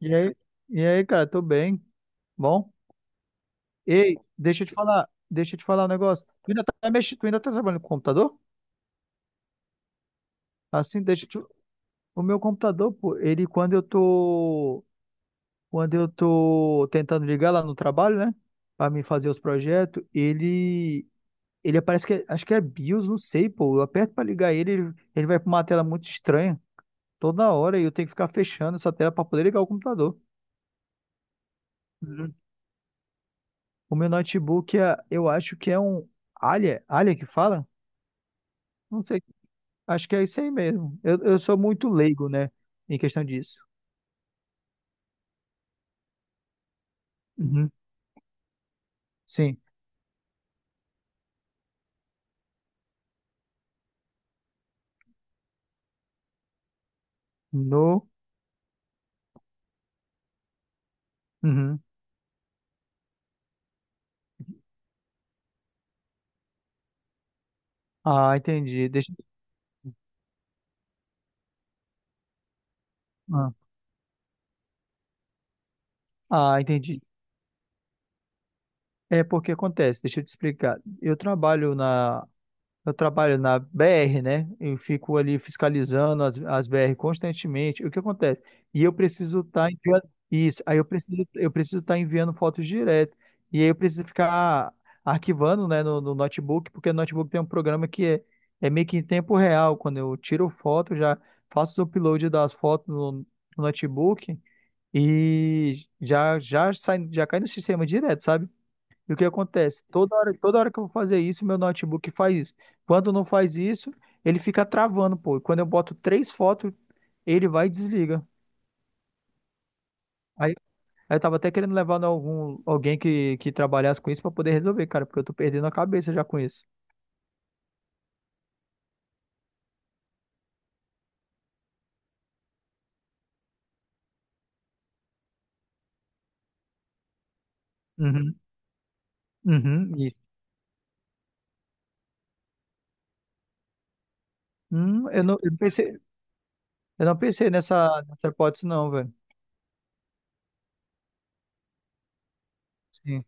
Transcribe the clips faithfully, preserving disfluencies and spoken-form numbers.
E aí, e aí, cara, tô bem. Bom? Ei, deixa eu te falar, deixa eu te falar um negócio. Tu ainda tá mexendo, tu ainda tá trabalhando com computador? Assim, deixa eu te... O meu computador, pô, ele quando eu tô, quando eu tô tentando ligar lá no trabalho, né, pra me fazer os projetos, ele ele parece que é- acho que é BIOS, não sei, pô. Eu aperto pra ligar ele, ele, ele vai pra uma tela muito estranha toda hora e eu tenho que ficar fechando essa tela pra poder ligar o computador. O meu notebook, é- eu acho que é um Alia, Alia que fala? Não sei, acho que é isso aí mesmo. Eu, eu sou muito leigo, né, em questão disso. Uhum. Sim. No... Uhum. Ah, entendi. Deixa... Ah, ah, entendi. É porque acontece, deixa eu te explicar. Eu trabalho na Eu trabalho na B R, né? Eu fico ali fiscalizando as, as, B R constantemente. O que acontece? E eu preciso estar enviando isso. Aí eu preciso eu preciso estar enviando fotos direto. E aí eu preciso ficar arquivando, né, no, no, notebook, porque o notebook tem um programa que é, é meio que em tempo real. Quando eu tiro foto, já faço o upload das fotos no, no notebook e já já sai já cai no sistema direto, sabe? E o que acontece? Toda hora, toda hora que eu vou fazer isso, meu notebook faz isso. Quando não faz isso, ele fica travando, pô. E quando eu boto três fotos, ele vai e desliga. Aí, aí eu tava até querendo levar em algum, alguém que, que trabalhasse com isso pra poder resolver, cara, porque eu tô perdendo a cabeça já com isso. Uhum, uhum, isso. Hum, eu não, eu não pensei, eu não pensei nessa, nessa hipótese, não, velho. Sim.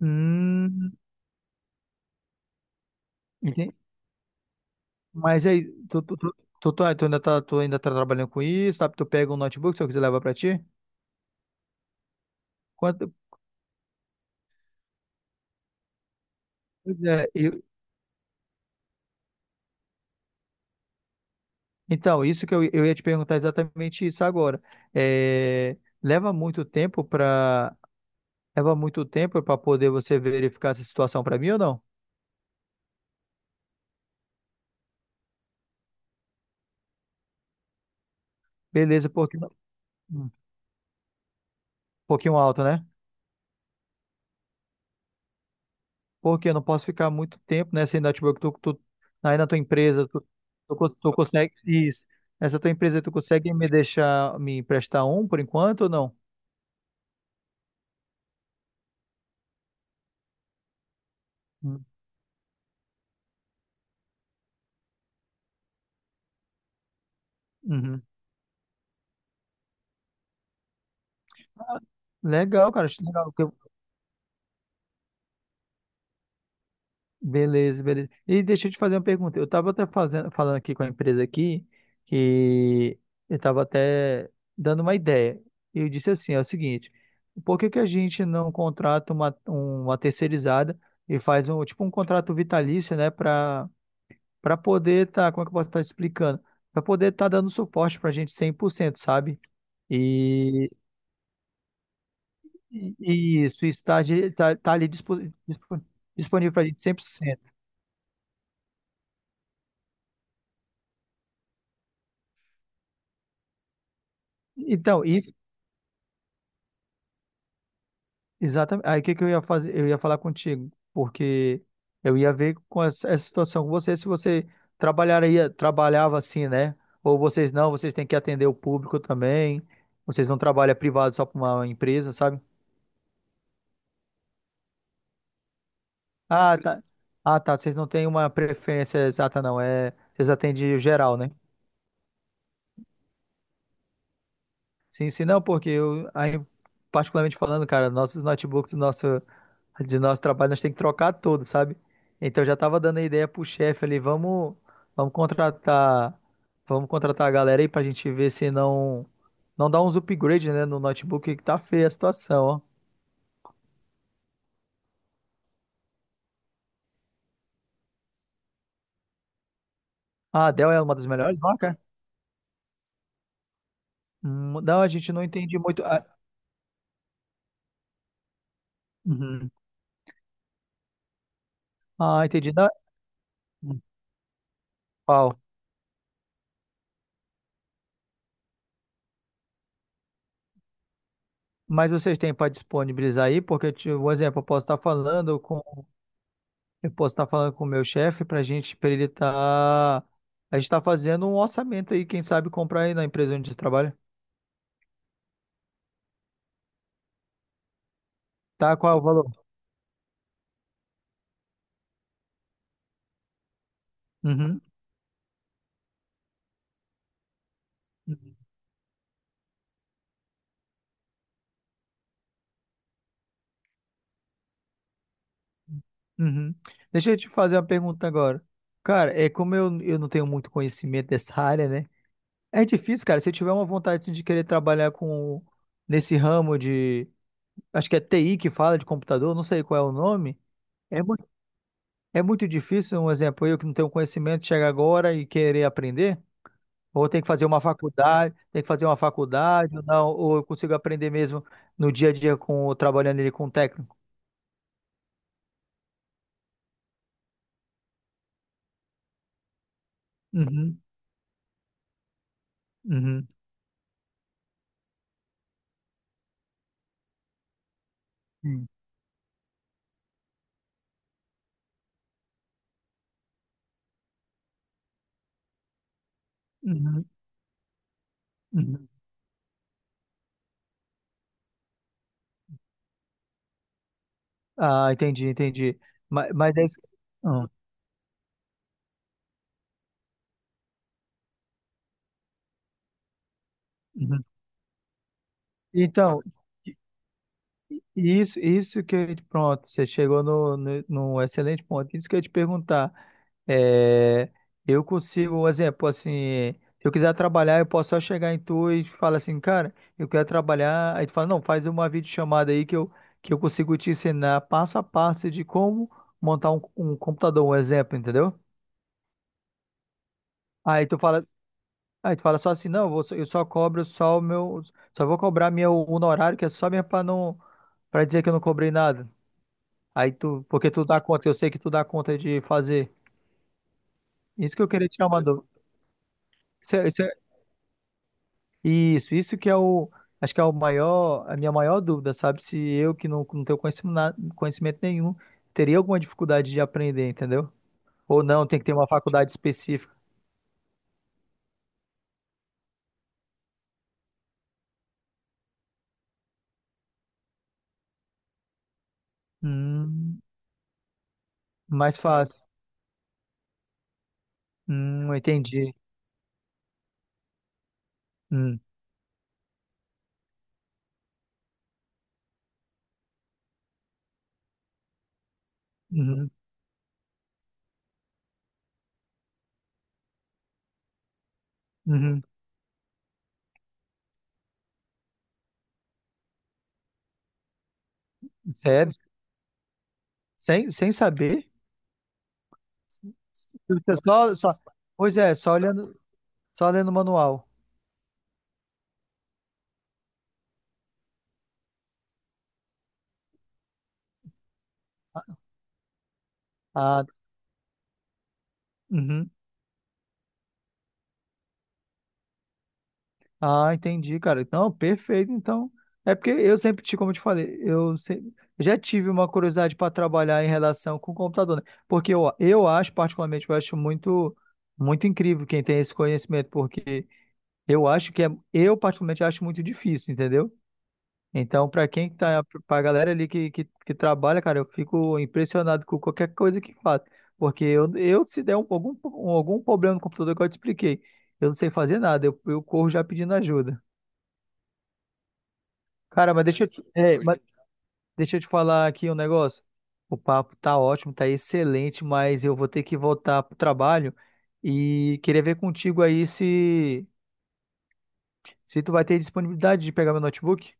Hum, entendi. Mas aí, tu, tu, tu, tu, tu- tu ainda tá, tu ainda tá trabalhando com isso, tá? Tu pega um notebook, se eu quiser levar pra ti? Quanto, Pois é, eu- então, isso que eu, eu ia te perguntar exatamente isso agora. É, leva muito tempo para leva muito tempo para poder você verificar essa situação para mim ou não? Beleza, porque um pouquinho alto, né? Porque eu não posso ficar muito tempo nessa network, tu, tu, aí na tua empresa, tu, tu, co- tu consegue isso. Essa tua empresa, tu consegue me deixar me emprestar um por enquanto ou não? Hum, uhum. Legal, cara, acho legal. Beleza, beleza. E deixa eu te fazer uma pergunta. Eu estava até fazendo, falando aqui com a empresa aqui que eu estava até dando uma ideia. Eu disse assim, é o seguinte, por que que a gente não contrata uma, uma terceirizada e faz um tipo um contrato vitalício, né, para para poder tá, como é que eu posso estar explicando? Para poder estar dando suporte para a gente cem por cento, sabe? E, e e isso está tá, de- tá tá ali dispo- dispo- disponível para a gente cem por cento. Então, exatamente. Aí o que que eu ia fazer? Eu ia falar contigo, porque eu ia ver com essa, essa situação com você, se você trabalharia, trabalhava assim, né? Ou vocês não, vocês têm que atender o público também. Vocês não trabalham privado só para uma empresa, sabe? Ah, tá. Ah, tá. Vocês não têm uma preferência exata, não. É, vocês atendem o geral, né? Sim, sim, não, porque eu, aí, particularmente falando, cara, nossos notebooks, nosso de nosso trabalho nós temos que trocar todo, sabe? Então eu já tava dando a ideia pro chefe ali, vamos, vamos contratar, vamos contratar a galera aí pra gente ver se não não dá uns upgrades, né, no notebook que tá feia a situação, ó. Ah, a Dell é uma das melhores marcas? Hum. Não, a gente não entende muito. Ah, uhum. Ah, entendi. Não. Hum. Pau. Mas vocês têm para disponibilizar aí? Porque, tipo, um exemplo, eu posso estar falando com eu posso estar falando com o meu chefe para gente, para ele estar. A gente está fazendo um orçamento aí, quem sabe comprar aí na empresa onde você trabalha. Tá, qual é o valor? Uhum. Uhum. Deixa eu te fazer uma pergunta agora. Cara, é como eu, eu não tenho muito conhecimento dessa área, né? É difícil, cara. Se eu tiver uma vontade assim, de querer trabalhar com nesse ramo de... Acho que é T I que fala de computador, não sei qual é o nome. É muito, é muito difícil, um exemplo, eu que não tenho conhecimento, chegar agora e querer aprender. Ou tem que fazer uma faculdade, tem que fazer uma faculdade, ou não, ou eu consigo aprender mesmo no dia a dia com o- trabalhando ele com o técnico. Uhum, uhum, sim, uhum, uhum. Ah, entendi, entendi. Mas, mas é isso. Ah, uhum. Então, Isso, isso que eu, te- pronto, você chegou no, no, num excelente ponto. Isso que eu ia te perguntar. É, eu consigo, um exemplo, assim, se eu quiser trabalhar, eu posso só chegar em tu e falar assim, cara, eu quero trabalhar. Aí tu fala, não, faz uma videochamada aí que eu, que eu consigo te ensinar passo a passo de como montar um, um computador, um exemplo, entendeu? Aí tu fala, aí tu fala só assim, não, eu, vou só- eu só cobro só o meu, só vou cobrar meu honorário, que é só mesmo pra não, para dizer que eu não cobrei nada. Aí tu, porque tu dá conta, eu sei que tu dá conta de fazer. Isso que eu queria tirar uma dúvida. Isso, é- isso, é- isso, isso que é o, acho que é o maior, a minha maior dúvida, sabe? Se eu que não, não, tenho conhecimento, na- conhecimento nenhum, teria alguma dificuldade de aprender, entendeu? Ou não, tem que ter uma faculdade específica. Hum, mais fácil. Hum, entendi. Hum, uhum, uhum. Sério? Sem, sem saber? Só, só, pois é, só olhando, só lendo o manual. Ah, ah, uhum. Ah, entendi, cara. Não, perfeito. Então, é porque eu sempre tive, como eu te falei, eu se- já tive uma curiosidade para trabalhar em relação com o computador, né? Porque eu, eu acho, particularmente, eu acho muito, muito incrível quem tem esse conhecimento, porque eu acho que é, eu particularmente acho muito difícil, entendeu? Então, para quem tá, para galera ali que, que, que trabalha, cara, eu fico impressionado com qualquer coisa que faz, porque eu, eu se der um- algum, algum problema no computador que eu te expliquei, eu não sei fazer nada, eu, eu corro já pedindo ajuda. Cara, mas deixa eu te, é, mas deixa eu te falar aqui um negócio. O papo tá ótimo, tá excelente, mas eu vou ter que voltar pro trabalho e queria ver contigo aí se se tu vai ter disponibilidade de pegar meu notebook.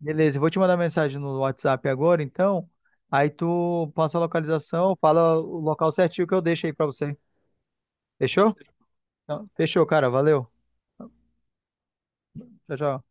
Beleza, eu vou te mandar mensagem no WhatsApp agora, então. Aí tu passa a localização, fala o local certinho que eu deixo aí pra você. Fechou? Então, fechou, cara. Valeu. Tchau, tchau.